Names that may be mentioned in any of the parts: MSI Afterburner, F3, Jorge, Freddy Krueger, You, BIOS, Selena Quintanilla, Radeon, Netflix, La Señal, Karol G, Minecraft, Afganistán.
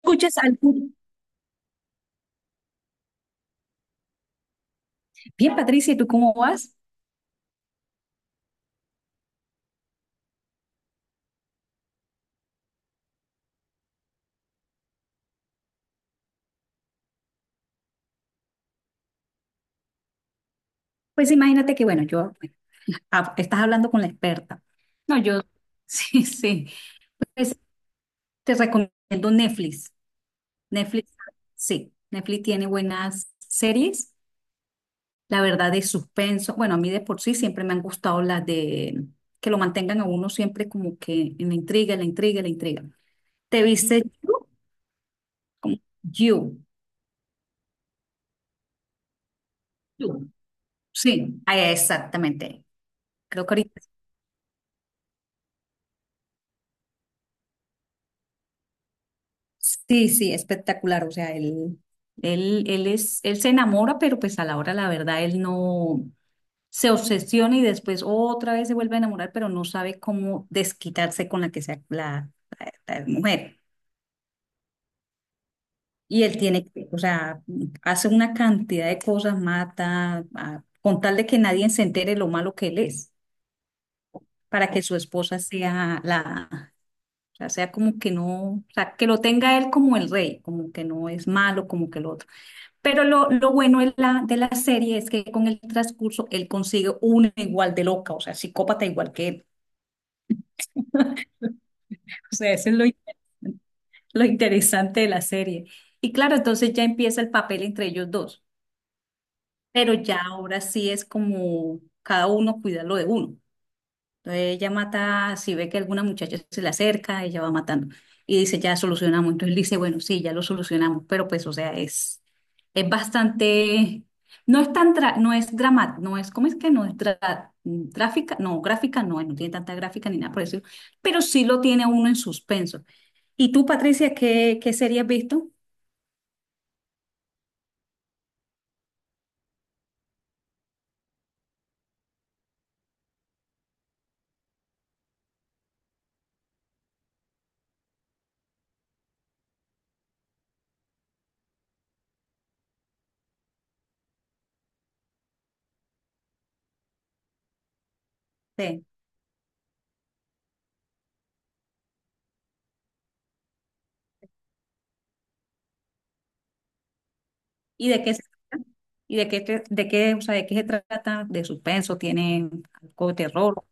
Escuchas algún... Bien, Patricia, ¿y tú cómo vas? Pues imagínate que, bueno, yo, estás hablando con la experta. No, yo, sí, sí. Pues te recomiendo Netflix. Netflix, sí, Netflix tiene buenas series, la verdad, de suspenso. Bueno, a mí de por sí siempre me han gustado las de que lo mantengan a uno siempre como que en la intriga, la intriga, la intriga. ¿Te viste You? Como You. You. Sí, exactamente. Creo que ahorita. Sí, sí, espectacular. O sea, él, él es, él se enamora, pero pues a la hora, la verdad, él no se obsesiona y después otra vez se vuelve a enamorar, pero no sabe cómo desquitarse con la que sea la- la mujer. Y él tiene, que, o sea, hace una cantidad de cosas, mata, con tal de que nadie se entere lo malo que él es, para que su esposa sea la, o sea, sea como que no, o sea, que lo tenga él como el rey, como que no es malo, como que lo otro. Pero lo bueno de la serie es que con el transcurso él consigue una igual de loca, o sea, psicópata igual que él. O sea, eso es lo, lo interesante de la serie. Y claro, entonces ya empieza el papel entre ellos dos, pero ya ahora sí es como cada uno cuida lo de uno. Entonces ella mata, si ve que alguna muchacha se le acerca, ella va matando. Y dice, ya solucionamos. Entonces él dice, bueno, sí, ya lo solucionamos. Pero pues, o sea, es bastante, no es tan, no es drama, no es, ¿cómo es que no es tráfica? No, gráfica no, no tiene tanta gráfica ni nada por eso, pero sí lo tiene a uno en suspenso. ¿Y tú, Patricia, qué, qué serie has visto? Sí. ¿Y de qué se trata? ¿Y de qué, de qué, o sea, de qué se trata? ¿De suspenso? ¿Tiene algo de terror?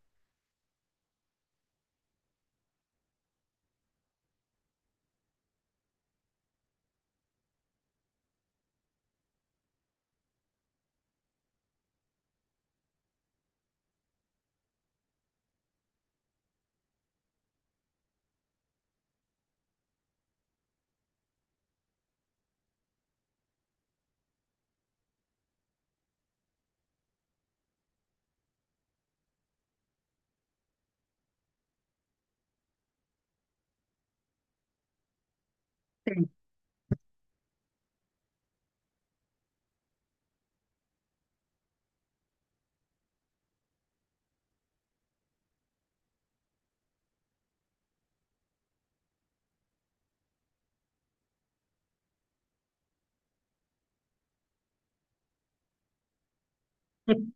Sí.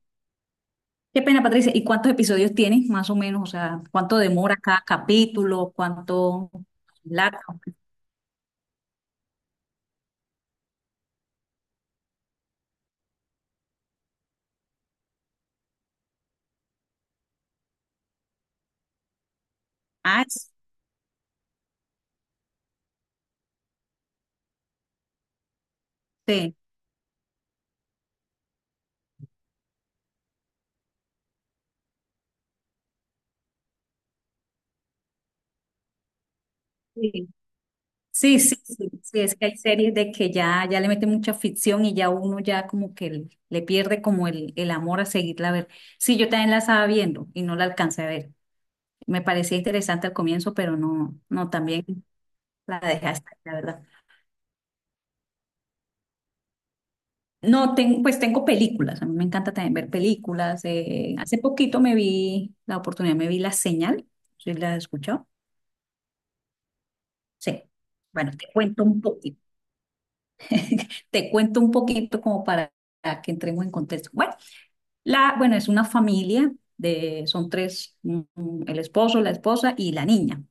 Qué pena, Patricia. ¿Y cuántos episodios tienes, más o menos? O sea, ¿cuánto demora cada capítulo? ¿Cuánto largo? Ah, es- sí, sí, sí, sí, sí, sí, es que hay series de que ya, ya le meten mucha ficción y ya uno ya como que le pierde como el amor a seguirla a ver. Sí, yo también la estaba viendo y no la alcancé a ver. Me parecía interesante al comienzo, pero no, no, también la dejé hasta, ahí, la verdad. No, pues tengo películas, a mí me encanta también ver películas. Hace poquito me vi, la oportunidad me vi La Señal, ¿sí la has escuchado? Sí. Bueno, te cuento un poquito, te cuento un poquito como para que entremos en contexto. Bueno, la, bueno, es una familia de, son tres, el esposo, la esposa y la niña.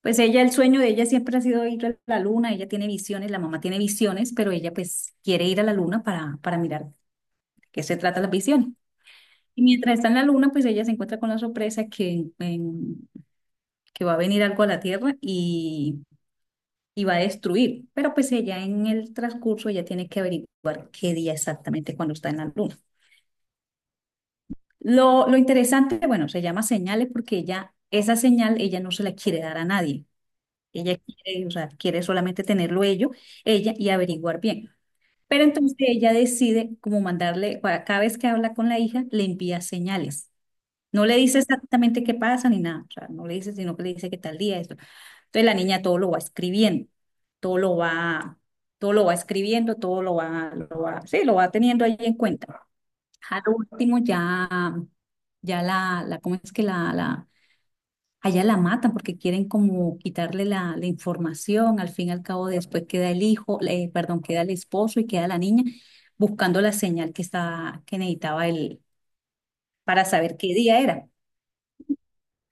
Pues ella, el sueño de ella siempre ha sido ir a la luna, ella tiene visiones, la mamá tiene visiones, pero ella pues quiere ir a la luna para mirar qué se trata las visiones. Y mientras está en la luna, pues ella se encuentra con la sorpresa que, que va a venir algo a la Tierra y va a destruir. Pero pues ella en el transcurso ella tiene que averiguar qué día exactamente cuando está en la luna. Lo interesante, bueno, se llama señales porque ella, esa señal, ella no se la quiere dar a nadie. Ella quiere, o sea, quiere solamente tenerlo ello, ella y averiguar bien. Pero entonces ella decide como mandarle, para cada vez que habla con la hija, le envía señales. No le dice exactamente qué pasa ni nada, o sea, no le dice, sino que le dice que tal día esto. Entonces la niña todo lo va escribiendo, todo lo va, todo lo va escribiendo, todo lo va, sí, lo va teniendo ahí en cuenta. Al último ya, ya la, ¿cómo es que la, allá la matan porque quieren como quitarle la, la información, al fin y al cabo después queda el hijo, perdón, queda el esposo y queda la niña buscando la señal que estaba, que necesitaba él para saber qué día era.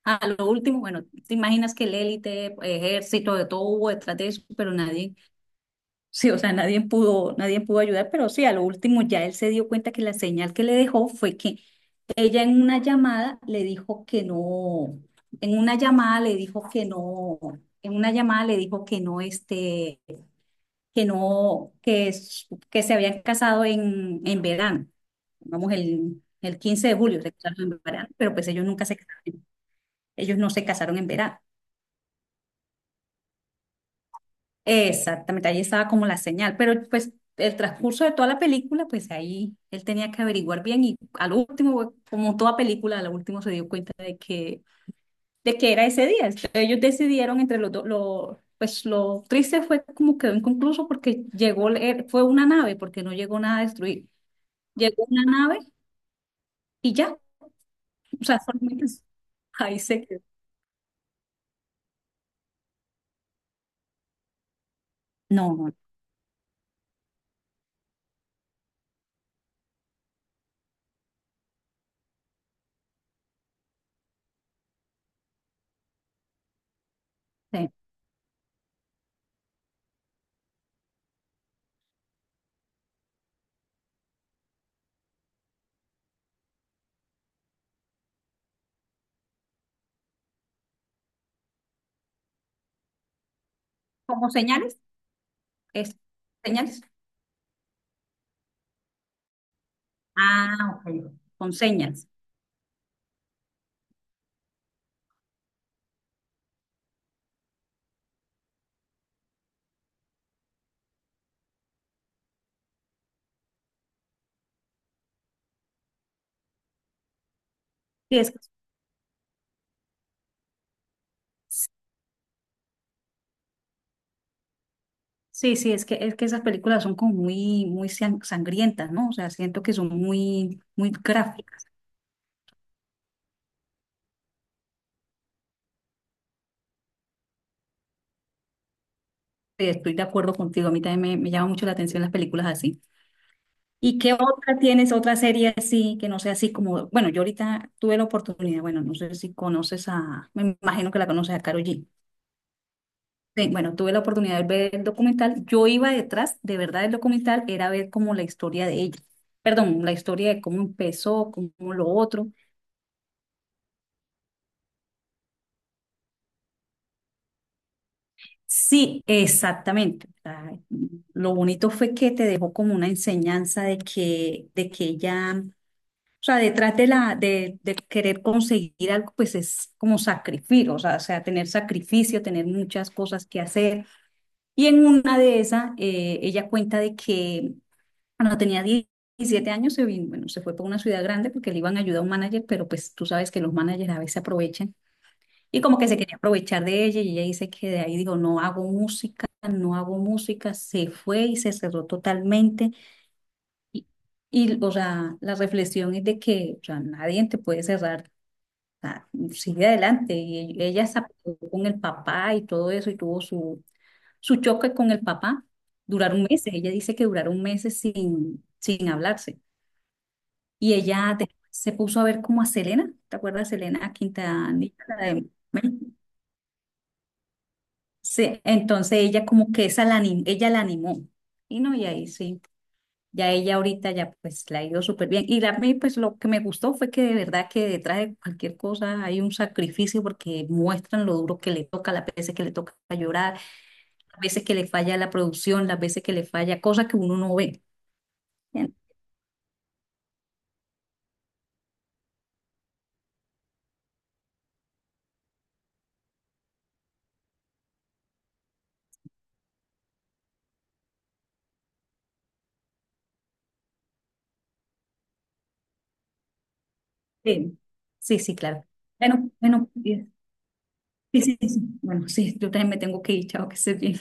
A lo último, bueno, te imaginas que el élite, ejército, de todo hubo detrás de eso, pero nadie, sí, o sea, nadie pudo, nadie pudo ayudar, pero sí, a lo último ya él se dio cuenta que la señal que le dejó fue que ella en una llamada le dijo que no, en una llamada le dijo que no, en una llamada le dijo que no, este, que no, que, que se habían casado en verano, vamos, el 15 de julio se casaron en verano, pero pues ellos nunca se casaron, ellos no se casaron en verano. Exactamente, ahí estaba como la señal, pero pues el transcurso de toda la película, pues ahí él tenía que averiguar bien y al último, como toda película, al último se dio cuenta de que era ese día. Entonces, ellos decidieron entre los dos, lo, pues lo triste fue como quedó inconcluso porque llegó, fue una nave, porque no llegó nada a destruir. Llegó una nave y ya, o sea, solamente ahí se quedó. No, no sé. ¿Como señales? ¿Es señales? Ah, ok, con señas. Sí, es. Sí, sí, es que esas películas son como muy, muy sangrientas, ¿no? O sea, siento que son muy, muy gráficas. Estoy de acuerdo contigo, a mí también me llama mucho la atención las películas así. ¿Y qué otra tienes, otra serie así, que no sea así como, bueno, yo ahorita tuve la oportunidad, bueno, no sé si conoces a, me imagino que la conoces a Karol G. Sí, bueno, tuve la oportunidad de ver el documental. Yo iba detrás, de verdad, del documental era ver como la historia de ella. Perdón, la historia de cómo empezó, cómo lo otro. Sí, exactamente. O sea, lo bonito fue que te dejó como una enseñanza de que ella, o sea, detrás de la, de querer conseguir algo, pues es como sacrificio, o sea, tener sacrificio, tener muchas cosas que hacer. Y en una de esas, ella cuenta de que cuando tenía 17 años se vino, bueno, se fue para una ciudad grande porque le iban a ayudar a un manager, pero pues tú sabes que los managers a veces aprovechan y como que se quería aprovechar de ella y ella dice que de ahí dijo, no hago música, no hago música, se fue y se cerró totalmente. Y, y o sea, la reflexión es de que o sea, nadie te puede cerrar, o sea, sigue adelante. Ella se apegó con el papá y todo eso y tuvo su, su choque con el papá. Duraron meses, ella dice que duraron meses sin, sin hablarse. Y ella después se puso a ver como a Selena, ¿te acuerdas de Selena Quintanilla? La de sí, entonces ella como que esa la ella la animó. Y no, y ahí sí, ya ella ahorita ya pues la ha ido súper bien. A mí pues lo que me gustó fue que de verdad que detrás de cualquier cosa hay un sacrificio porque muestran lo duro que le toca, las veces que le toca llorar, las veces que le falla la producción, las veces que le falla, cosas que uno no ve. Bien. Sí, sí, sí, claro. Bueno, bueno, sí, sí, sí. Bueno, sí, yo también me tengo que ir, chao, que estés bien.